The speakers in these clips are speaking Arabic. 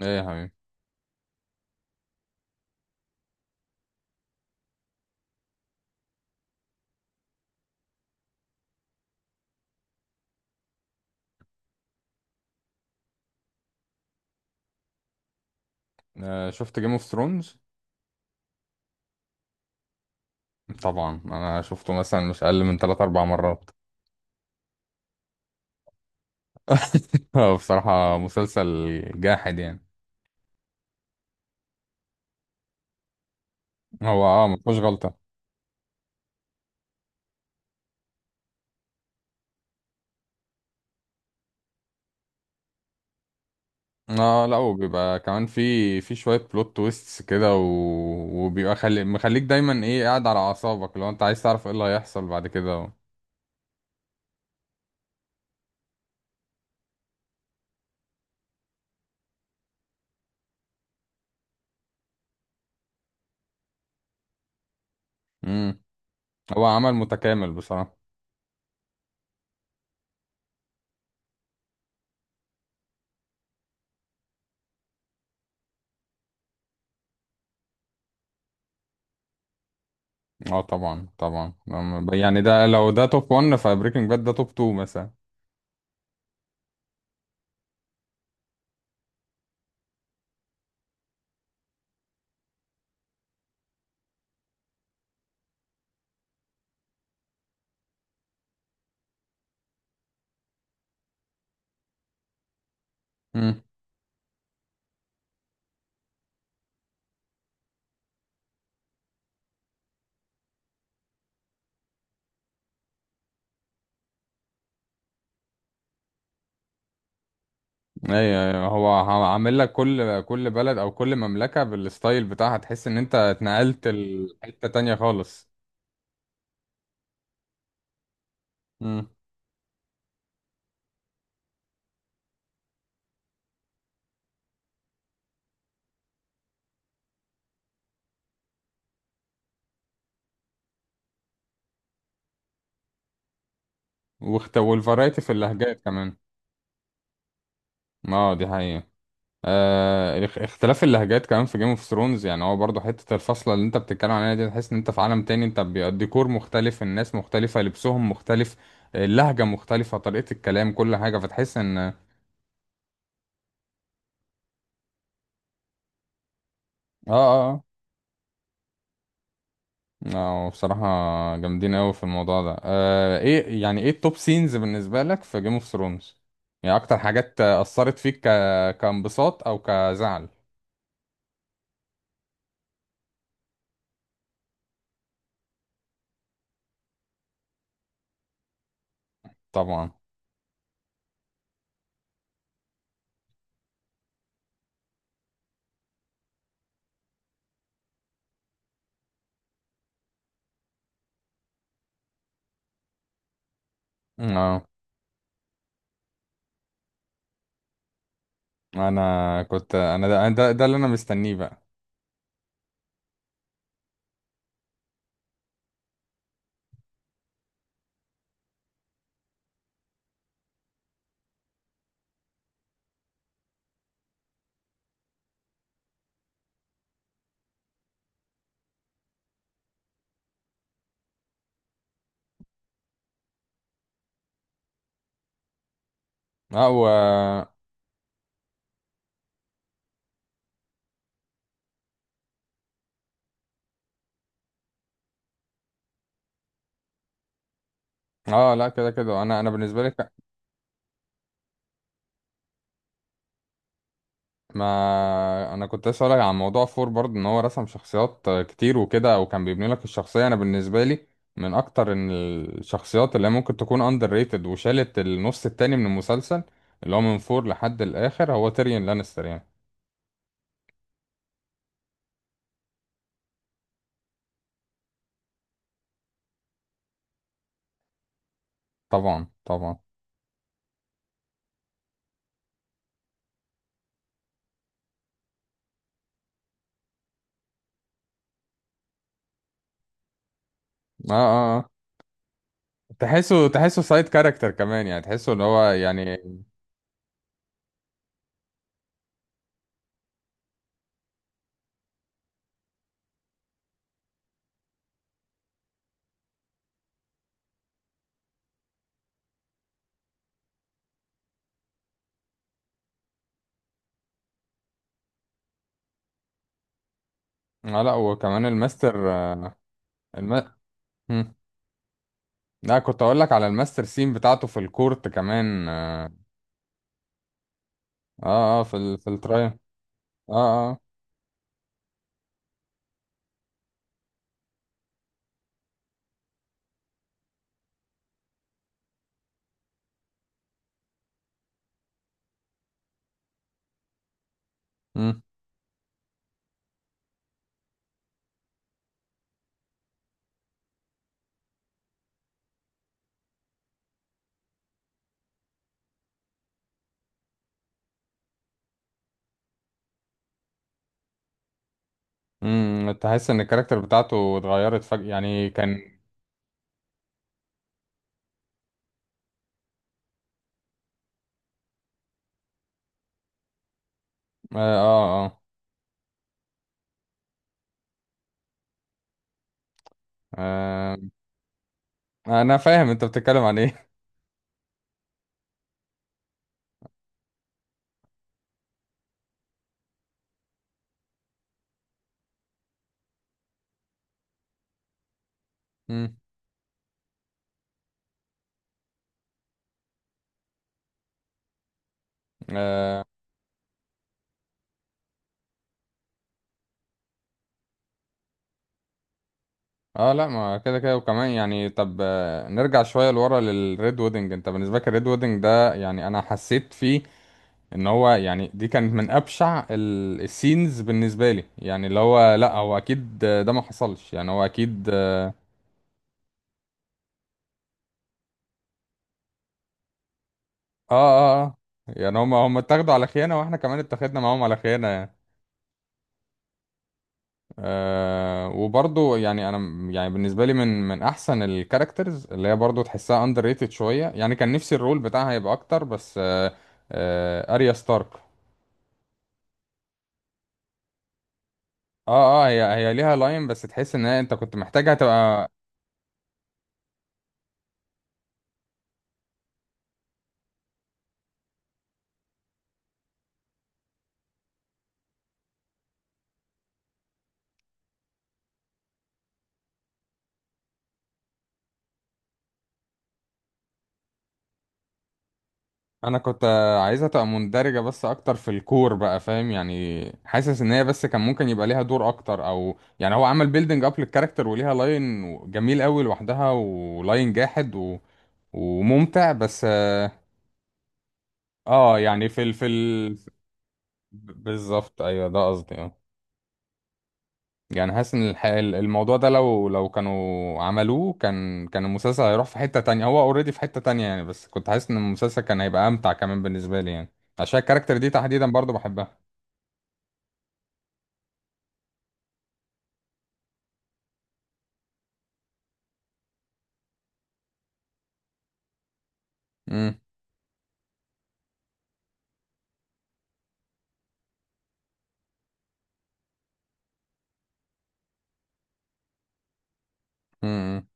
ايه يا حبيبي. شفت جيم اوف ثرونز؟ طبعا انا شفته مثلا مش اقل من 3 4 مرات. هو بصراحة مسلسل جاحد يعني. هو اه ما فيهوش غلطة. اه لا وبيبقى كمان في شوية بلوت تويستس كده وبيبقى مخليك دايما ايه، قاعد على اعصابك لو انت عايز تعرف ايه اللي هيحصل بعد كده مم. هو عمل متكامل بصراحة. اه طبعا طبعا، يعني ده لو ده توب 1 فبريكنج باد ده توب 2 مثلا. ايوه هو هو عامل لك كل بلد او كل مملكة بالستايل بتاعها، تحس ان انت اتنقلت لحتة تانية خالص. امم. والفرايتي في اللهجات كمان. اه دي حقيقة. اختلاف اللهجات كمان في جيم اوف ثرونز، يعني هو برضه حتة الفصلة اللي انت بتتكلم عليها دي تحس ان انت في عالم تاني، انت الديكور مختلف، الناس مختلفة، لبسهم مختلف، اللهجة مختلفة، طريقة الكلام، كل حاجة فتحس ان اه. اه آه. اه بصراحة جامدين قوي في الموضوع ده. آه ايه يعني، ايه التوب سينز بالنسبة لك في جيم اوف ثرونز؟ يعني اكتر حاجات اثرت فيك كانبساط او كزعل؟ طبعا. اه انا كنت، انا ده اللي انا مستنيه بقى. اه اه لا كده كده، انا بالنسبة لي، ما انا كنت لسه هقولك عن موضوع فور برضه، ان هو رسم شخصيات كتير وكده وكان بيبني لك الشخصيه. انا بالنسبه لي من اكتر إن الشخصيات اللي هي ممكن تكون اندر ريتد وشالت النص التاني من المسلسل، اللي هو من فور لحد الاخر، هو تيريون لانستر يعني. طبعا طبعا. اه اه آه. تحسه سايد كاركتر كمان، يعني تحسه اللي هو يعني. اه لا وكمان الماستر آه، الم... هم. لا كنت اقول لك على الماستر سين بتاعته في الكورت كمان. اه اه آه، في ال... في الترايل. اه اه مم. امم، تحس ان الكاركتر بتاعته اتغيرت فجأة يعني كان. اه آه. آه، انا فاهم انت بتتكلم عن ايه. مم. اه آه، لا ما كده كده وكمان يعني، طب آه، نرجع شويه لورا للريد ويدنج. انت بالنسبه لك الريد ويدنج ده، يعني انا حسيت فيه ان هو يعني، دي كانت من ابشع السينز بالنسبه لي، يعني اللي هو لا، هو اكيد آه، ده ما حصلش يعني، هو اكيد اه. اه آه. يعني هم اتاخدوا على خيانه واحنا كمان اتاخدنا معاهم على خيانه. آه وبرضو يعني يعني بالنسبه لي من من احسن الكاركترز اللي هي برضو تحسها اندر ريتد شويه، يعني كان نفسي الرول بتاعها يبقى اكتر بس آه، آه اريا ستارك. اه اه هي ليها لاين، بس تحس ان هي انت كنت محتاجها تبقى. انا كنت آه، عايزها تبقى مندرجه بس اكتر في الكور بقى، فاهم يعني، حاسس ان هي بس كان ممكن يبقى ليها دور اكتر، او يعني هو عمل بيلدينج اب للكاركتر وليها لاين جميل قوي لوحدها ولاين جاحد وممتع بس آه، اه يعني في ال بالظبط، ايوه ده قصدي اه. يعني حاسس ان الموضوع ده، لو لو كانوا عملوه كان كان المسلسل هيروح في حتة تانية، هو اوريدي في حتة تانية يعني، بس كنت حاسس ان المسلسل كان هيبقى امتع كمان بالنسبة لي يعني، عشان الكاركتر دي تحديدا برضو بحبها. امم. امم، امم.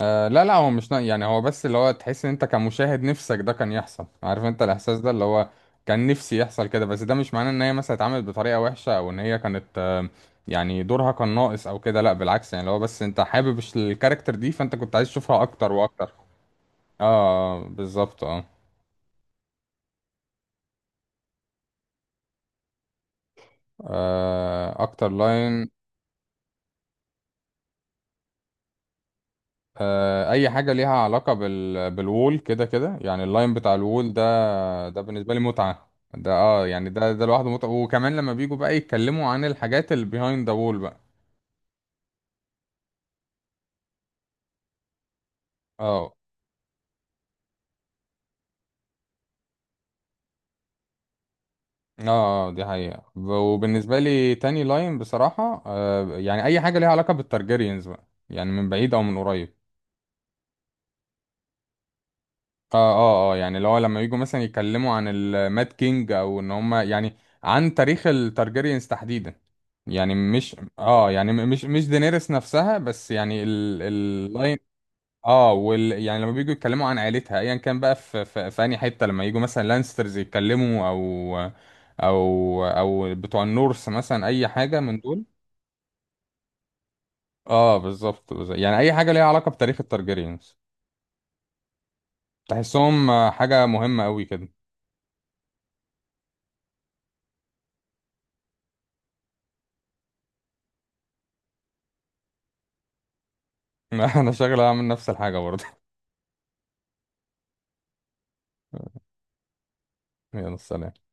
آه لا لا، هو مش نا... يعني هو بس اللي هو، تحس ان انت كمشاهد نفسك ده كان يحصل، عارف انت الاحساس ده اللي هو كان نفسي يحصل كده، بس ده مش معناه ان هي مثلا اتعملت بطريقة وحشة او ان هي كانت آه، يعني دورها كان ناقص او كده، لا بالعكس يعني، اللي هو بس انت حابب الكاركتر دي فانت كنت عايز تشوفها اكتر واكتر. اه بالظبط اه. آه، اكتر لاين آه اي حاجة ليها علاقة بالوول كده كده يعني، اللاين بتاع الوول ده، ده بالنسبة لي متعة. ده اه يعني ده لوحده متعة، وكمان لما بيجوا بقى يتكلموا عن الحاجات اللي behind the wall بقى. اه اه آه، دي حقيقة. وبالنسبة لي تاني لاين بصراحة آه، يعني أي حاجة ليها علاقة بالتارجيريانز بقى، يعني من بعيد أو من قريب. اه اه اه يعني اللي هو لما يجوا مثلا يتكلموا عن الماد كينج، أو إن هما يعني عن تاريخ التارجيريانز تحديدا، يعني مش اه يعني مش مش دينيرس نفسها بس، يعني اللاين. اه يعني لما بييجوا يتكلموا عن عيلتها ايا كان بقى، في انهي حته، لما يجوا مثلا لانسترز يتكلموا او او بتوع النورس مثلا، اي حاجه من دول. اه بالظبط بالظبط. يعني اي حاجه ليها علاقه بتاريخ التارجيريانز تحسهم آه، حاجه مهمه قوي كده. انا شغله اعمل نفس الحاجه برضه. يلا سلام.